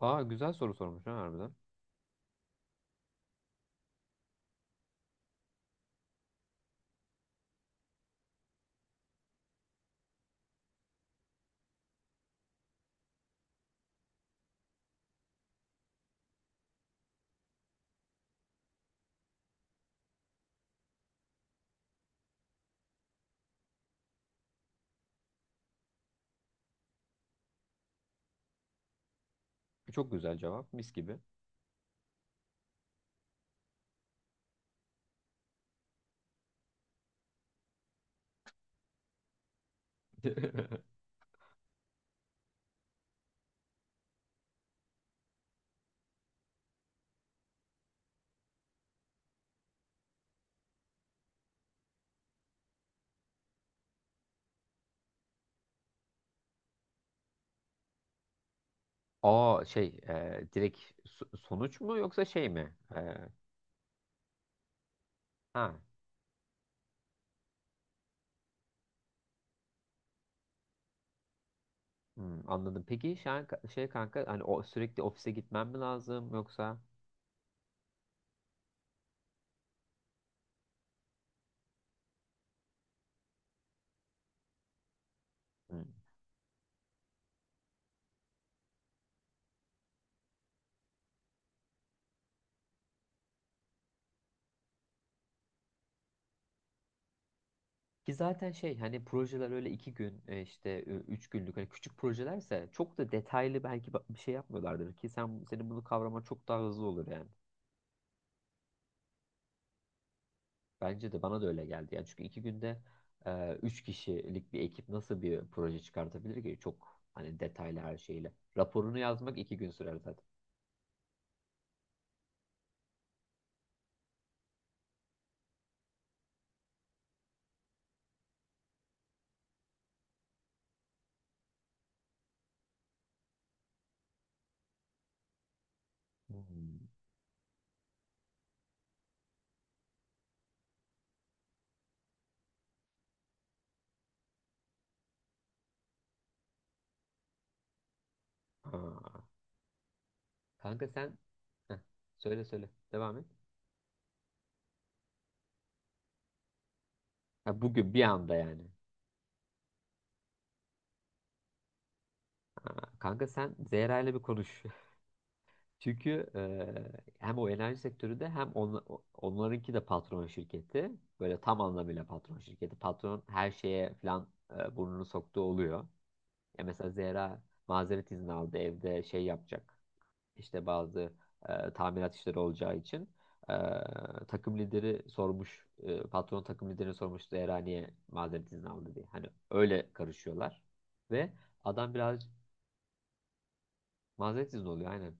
Aa, güzel soru sormuş ha, harbiden. Çok güzel cevap. Mis gibi. Aa, şey, direkt sonuç mu yoksa şey mi? Ha, anladım. Peki şu şey, kanka, hani o sürekli ofise gitmem mi lazım yoksa? Hmm. Ki zaten şey hani projeler öyle 2 gün, işte, 3 günlük hani küçük projelerse çok da detaylı belki bir şey yapmıyorlardır ki sen senin bunu kavraman çok daha hızlı olur yani. Bence de bana da öyle geldi. Yani çünkü 2 günde üç kişilik bir ekip nasıl bir proje çıkartabilir ki? Çok hani detaylı her şeyle. Raporunu yazmak 2 gün sürer zaten. Hmm. Ha. Kanka sen Heh, söyle söyle. Devam et. Ha, bugün bir anda yani. Ha, kanka sen Zehra ile bir konuş. Çünkü hem o enerji sektöründe hem onlarınki de patron şirketi. Böyle tam anlamıyla patron şirketi. Patron her şeye falan burnunu soktuğu oluyor. Ya mesela Zehra mazeret izni aldı, evde şey yapacak. İşte bazı tamirat işleri olacağı için e, takım lideri sormuş. Patron takım lideri sormuş Zehra niye mazeret izni aldı diye. Hani öyle karışıyorlar. Ve adam biraz mazeret izni oluyor, aynen.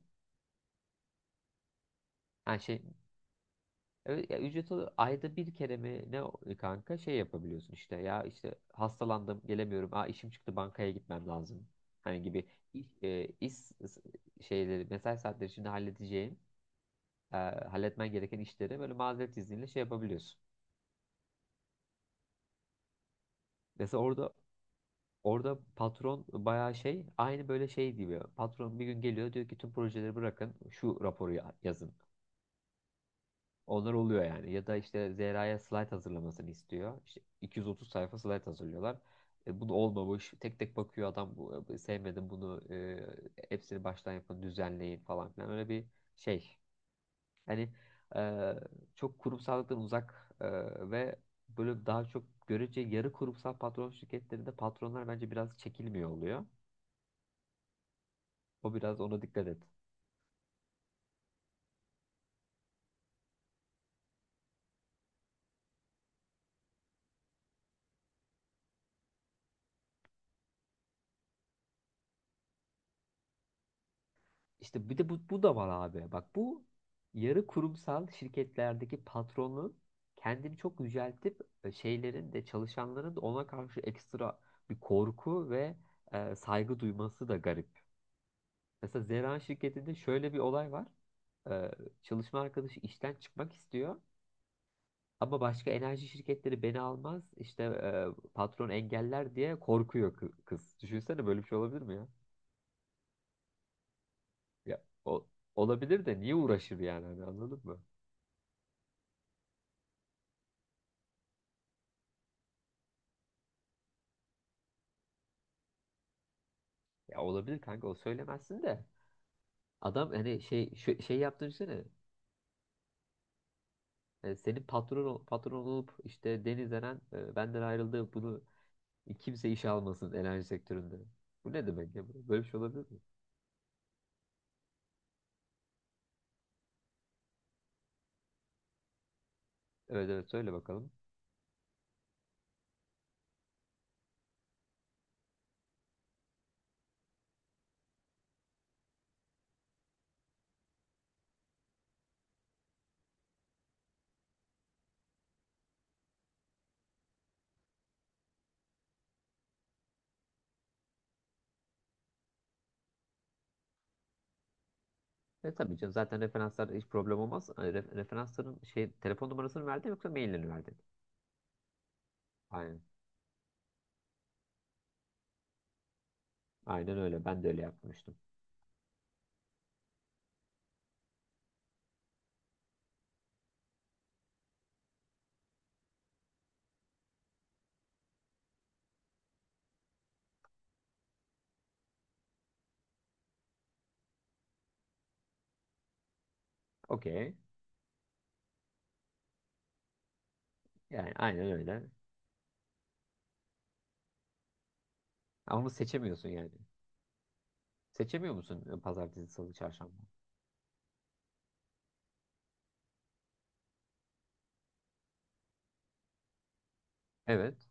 Yani şey, evet, ya ücreti ayda bir kere mi ne kanka şey yapabiliyorsun işte, ya işte hastalandım gelemiyorum, aa işim çıktı bankaya gitmem lazım hani gibi iş şeyleri, mesai saatleri içinde halledeceğin e, halletmen gereken işleri böyle mazeret izniyle şey yapabiliyorsun. Mesela orada patron bayağı şey aynı böyle şey gibi, patron bir gün geliyor diyor ki tüm projeleri bırakın şu raporu yazın. Onlar oluyor yani. Ya da işte Zehra'ya slide hazırlamasını istiyor. İşte 230 sayfa slide hazırlıyorlar. Bunu olmamış. Tek tek bakıyor adam. Sevmedim bunu. Hepsini baştan yapın, düzenleyin falan filan. Öyle bir şey. Hani, e, çok kurumsallıktan uzak, ve böyle daha çok görece yarı kurumsal patron şirketlerinde patronlar bence biraz çekilmiyor oluyor. O biraz ona dikkat et. İşte bir de bu da var abi. Bak bu yarı kurumsal şirketlerdeki patronun kendini çok yüceltip, şeylerin de, çalışanların da ona karşı ekstra bir korku ve saygı duyması da garip. Mesela Zeran şirketinde şöyle bir olay var. E, Çalışma arkadaşı işten çıkmak istiyor ama başka enerji şirketleri beni almaz işte, patron engeller diye korkuyor kız. Düşünsene, böyle bir şey olabilir mi ya? Ya o, olabilir de niye uğraşır yani, hani anladın mı? Ya olabilir kanka, o söylemezsin de. Adam hani şey şey yaptığını düşünsene. Senin patron olup işte Deniz Eren benden ayrıldı, bunu kimse işe almasın enerji sektöründe. Bu ne demek ya? Böyle bir şey olabilir mi? Evet, evet, söyle bakalım. Tabii canım, zaten referanslar hiç problem olmaz. Referansların şey telefon numarasını verdin yoksa maillerini verdin? Aynen. Aynen öyle. Ben de öyle yapmıştım. Okey. Yani aynen öyle. Ama onu seçemiyorsun yani. Seçemiyor musun pazartesi, salı, çarşamba? Evet.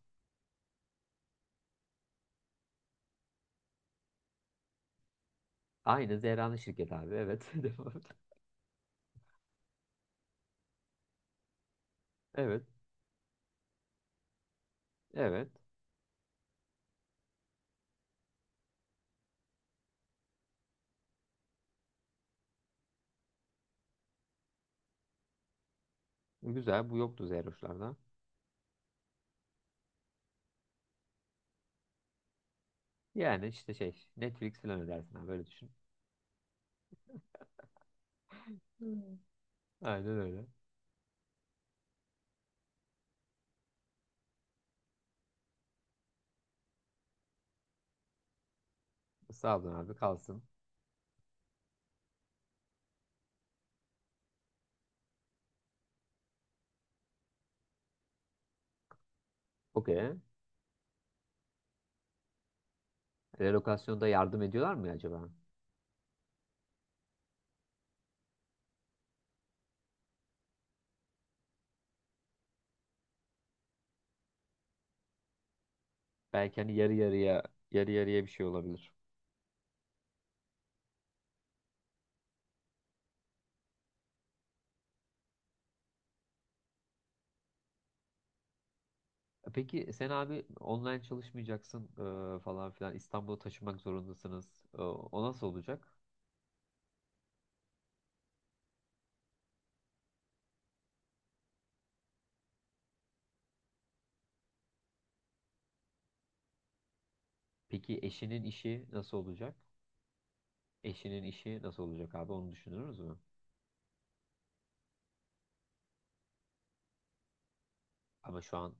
Aynı Zehra'nın şirketi abi. Evet. Devam et. Evet. Evet. Güzel. Bu yoktu Zeyroşlarda. Yani işte şey Netflix falan ödersin abi. Böyle düşün. Hmm. Aynen öyle. Sağ olun abi, kalsın. Okey. Relokasyonda yardım ediyorlar mı acaba? Belki hani yarı yarıya bir şey olabilir. Peki sen abi online çalışmayacaksın, falan filan, İstanbul'a taşımak zorundasınız. O nasıl olacak? Peki eşinin işi nasıl olacak? Eşinin işi nasıl olacak abi, onu düşünürüz mü? Ama şu an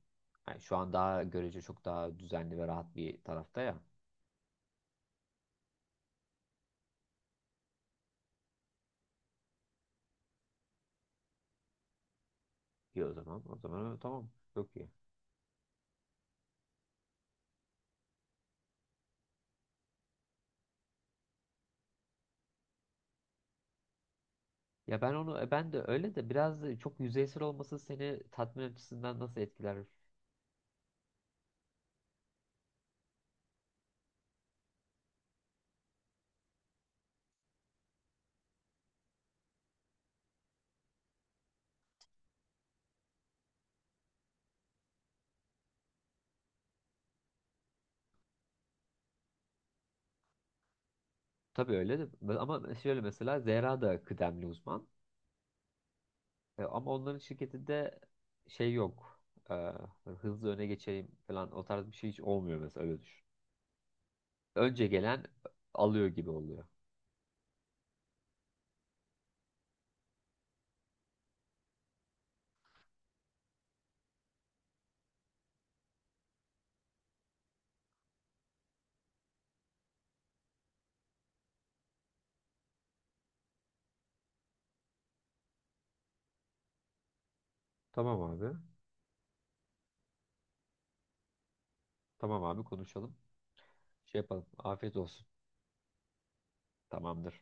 yani şu an daha görece çok daha düzenli ve rahat bir tarafta ya. İyi o zaman. O zaman öyle, tamam. Çok iyi. Ya ben de öyle de biraz da çok yüzeysel olması seni tatmin açısından nasıl etkiler? Tabii öyle de, ama şöyle mesela Zehra da kıdemli uzman. Ama onların şirketinde şey yok. E, Hızlı öne geçeyim falan, o tarz bir şey hiç olmuyor mesela, öyle düşün. Önce gelen alıyor gibi oluyor. Tamam abi. Tamam abi, konuşalım. Şey yapalım. Afiyet olsun. Tamamdır.